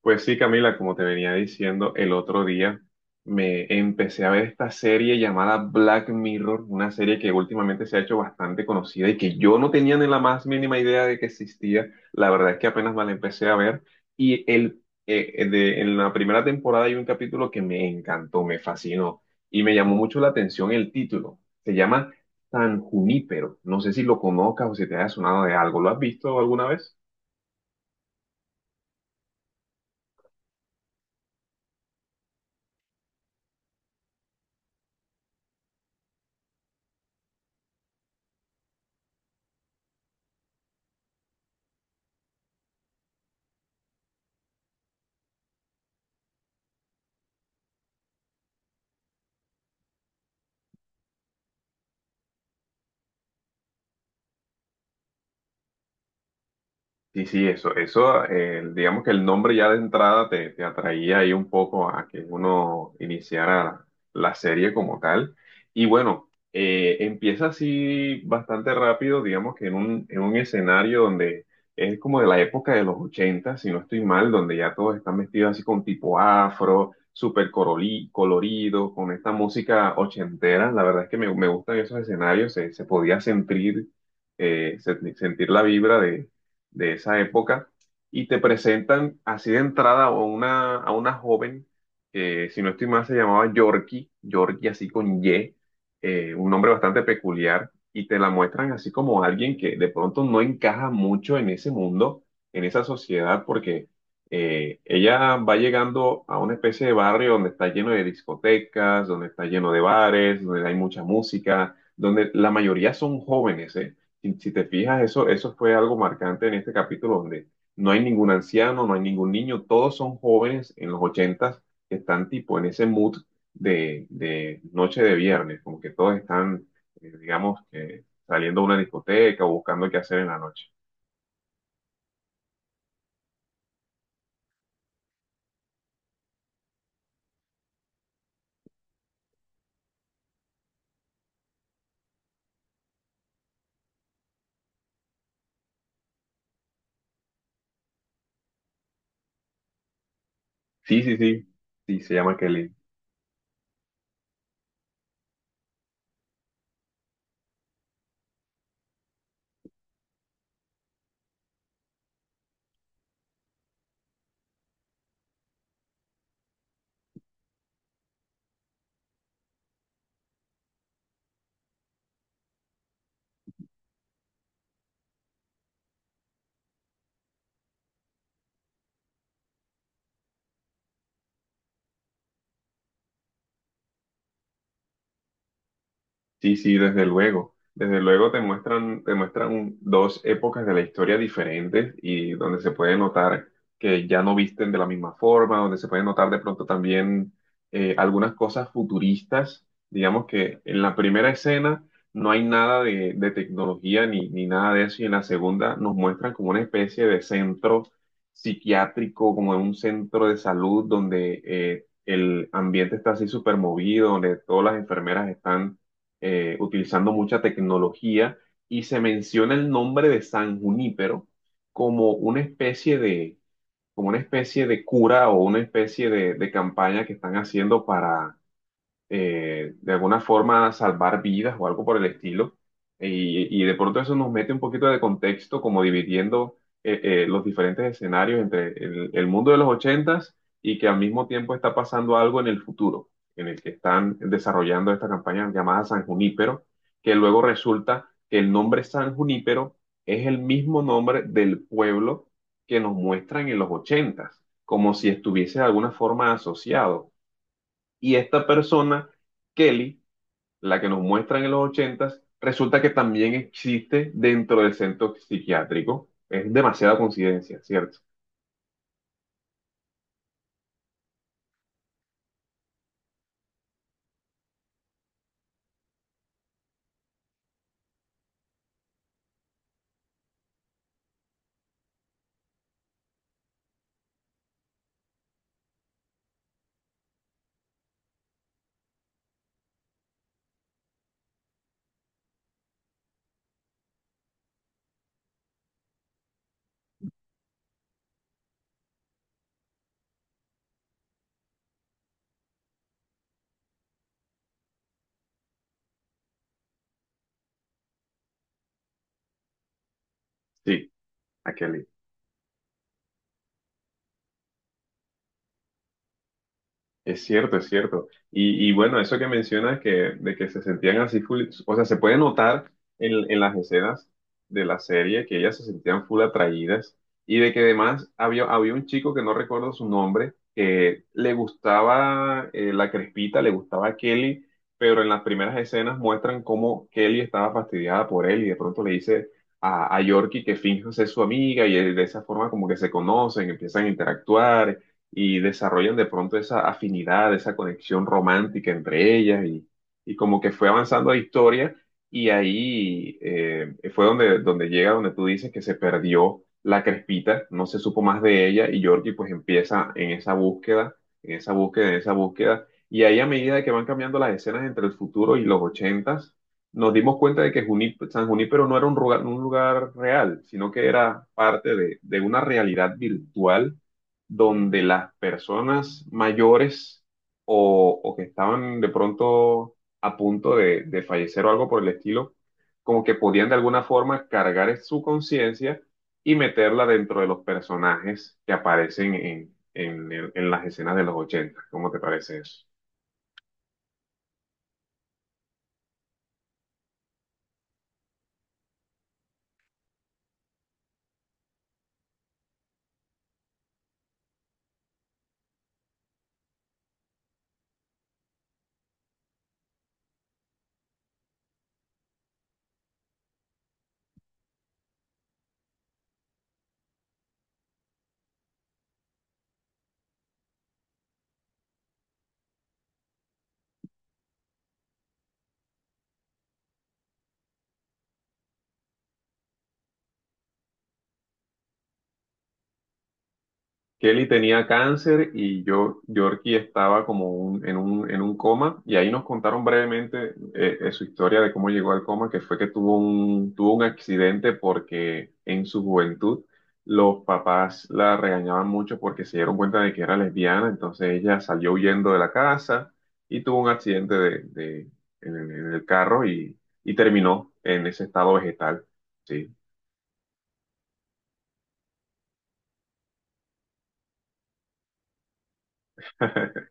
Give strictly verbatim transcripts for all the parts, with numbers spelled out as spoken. Pues sí, Camila, como te venía diciendo el otro día, me empecé a ver esta serie llamada Black Mirror, una serie que últimamente se ha hecho bastante conocida y que yo no tenía ni la más mínima idea de que existía. La verdad es que apenas me la empecé a ver y el, eh, eh, de- en la primera temporada hay un capítulo que me encantó, me fascinó y me llamó mucho la atención el título. Se llama San Junípero. No sé si lo conozcas o si te haya sonado de algo. ¿Lo has visto alguna vez? Sí, sí, eso, eso, eh, digamos que el nombre ya de entrada te, te atraía ahí un poco a que uno iniciara la serie como tal. Y bueno, eh, empieza así bastante rápido, digamos que en un, en un escenario donde es como de la época de los ochenta, si no estoy mal, donde ya todos están vestidos así con tipo afro, súper coroli- colorido, con esta música ochentera. La verdad es que me, me gustan esos escenarios, se, se podía sentir, eh, se- sentir la vibra de esa época y te presentan así de entrada a una, a una joven que, si no estoy mal, se llamaba Yorkie, Yorkie así con Y, eh, un nombre bastante peculiar, y te la muestran así como alguien que de pronto no encaja mucho en ese mundo, en esa sociedad, porque eh, ella va llegando a una especie de barrio donde está lleno de discotecas, donde está lleno de bares, donde hay mucha música, donde la mayoría son jóvenes, ¿eh? Si, si te fijas, eso, eso fue algo marcante en este capítulo donde no hay ningún anciano, no hay ningún niño, todos son jóvenes en los ochentas que están tipo en ese mood de, de noche de viernes, como que todos están, eh, digamos, que saliendo a una discoteca o buscando qué hacer en la noche. Sí, sí, sí, sí, se llama Kelly. Sí, sí, desde luego. Desde luego te muestran, te muestran un- dos épocas de la historia diferentes y donde se puede notar que ya no visten de la misma forma, donde se puede notar de pronto también eh, algunas cosas futuristas. Digamos que en la primera escena no hay nada de, de tecnología ni, ni nada de eso y en la segunda nos muestran como una especie de centro psiquiátrico, como en un centro de salud donde eh, el ambiente está así súper movido, donde todas las enfermeras están eh, utilizando mucha tecnología y se menciona el nombre de San Junípero como una especie de, como una especie de cura o una especie de, de campaña que están haciendo para eh, de alguna forma salvar vidas o algo por el estilo. Y, y de pronto eso nos mete un poquito de contexto, como dividiendo eh, eh, los diferentes escenarios entre el, el mundo de los ochentas y que al mismo tiempo está pasando algo en el futuro, en el que están desarrollando esta campaña llamada San Junípero, que luego resulta que el nombre San Junípero es el mismo nombre del pueblo que nos muestran en los ochentas, como si estuviese de alguna forma asociado. Y esta persona, Kelly, la que nos muestran en los ochentas, resulta que también existe dentro del centro psiquiátrico. Es demasiada coincidencia, ¿cierto? Sí, a Kelly. Es cierto, es cierto. Y, y bueno, eso que mencionas que, de que se sentían así full, o sea, se puede notar en, en las escenas de la serie que ellas se sentían full atraídas y de que además había, había un chico que no recuerdo su nombre, que le gustaba eh, la crespita, le gustaba a Kelly, pero en las primeras escenas muestran cómo Kelly estaba fastidiada por él y de pronto le dice a, a Yorkie que finja ser su amiga y él- de esa forma como que se conocen, empiezan a interactuar y desarrollan de pronto esa afinidad, esa conexión romántica entre ellas y, y como que fue avanzando la historia y ahí eh, fue donde, donde llega, donde tú dices que se perdió la Crespita, no se supo más de ella y Georgie pues empieza en esa búsqueda, en esa búsqueda, en esa búsqueda y ahí a medida de que van cambiando las escenas entre el futuro y los ochentas, nos dimos cuenta de que Juni- San Junípero no era un lugar, un lugar real, sino que era parte de de una realidad virtual donde las personas mayores o, o que estaban de pronto a punto de, de fallecer o algo por el estilo, como que podían de alguna forma cargar su conciencia y meterla dentro de los personajes que aparecen en, en, en las escenas de los ochenta. ¿Cómo te parece eso? Kelly tenía cáncer y yo, Yorkie estaba como un- en un, en un coma y ahí nos contaron brevemente eh, eh, su historia de cómo llegó al coma, que fue que tuvo un, tuvo un accidente porque en su juventud los papás la regañaban mucho porque se dieron cuenta de que era lesbiana, entonces ella salió huyendo de la casa y tuvo un accidente de, de- en, el en el carro y, y terminó en ese estado vegetal. Sí.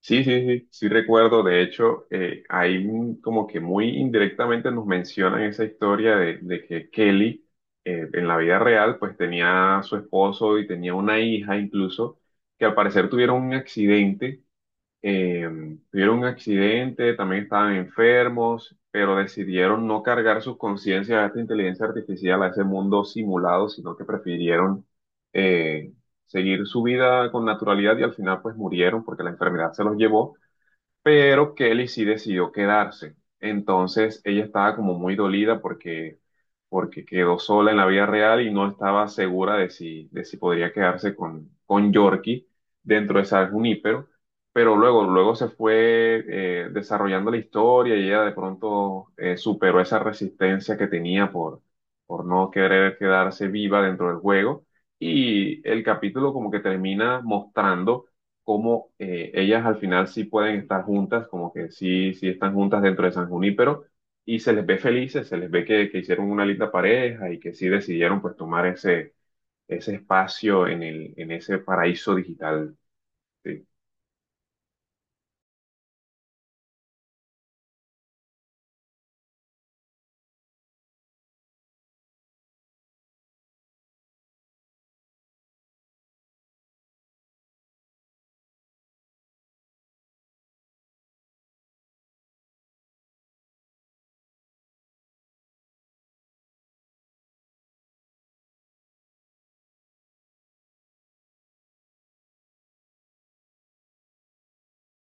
Sí, sí, sí, sí recuerdo. De hecho, eh, ahí mm, como que muy indirectamente nos mencionan esa historia de, de que Kelly eh, en la vida real pues tenía a su esposo y tenía una hija incluso que al parecer tuvieron un accidente eh, tuvieron un accidente, también estaban enfermos, pero decidieron no cargar sus conciencias a esta inteligencia artificial, a ese mundo simulado, sino que prefirieron eh, seguir su vida con naturalidad y al final pues murieron porque la enfermedad se los llevó, pero Kelly sí decidió quedarse. Entonces ella estaba como muy dolida porque porque quedó sola en la vida real y no estaba segura de si, de si podría quedarse con, con Yorkie dentro de San Junípero, pero luego, luego se fue eh, desarrollando la historia y ella de pronto eh, superó esa resistencia que tenía por, por no querer quedarse viva dentro del juego y el capítulo como que termina mostrando cómo eh, ellas al final sí pueden estar juntas, como que sí, sí están juntas dentro de San Junípero y se les ve felices, se les ve que, que hicieron una linda pareja y que sí decidieron pues tomar ese, ese espacio en el, en ese paraíso digital. Sí.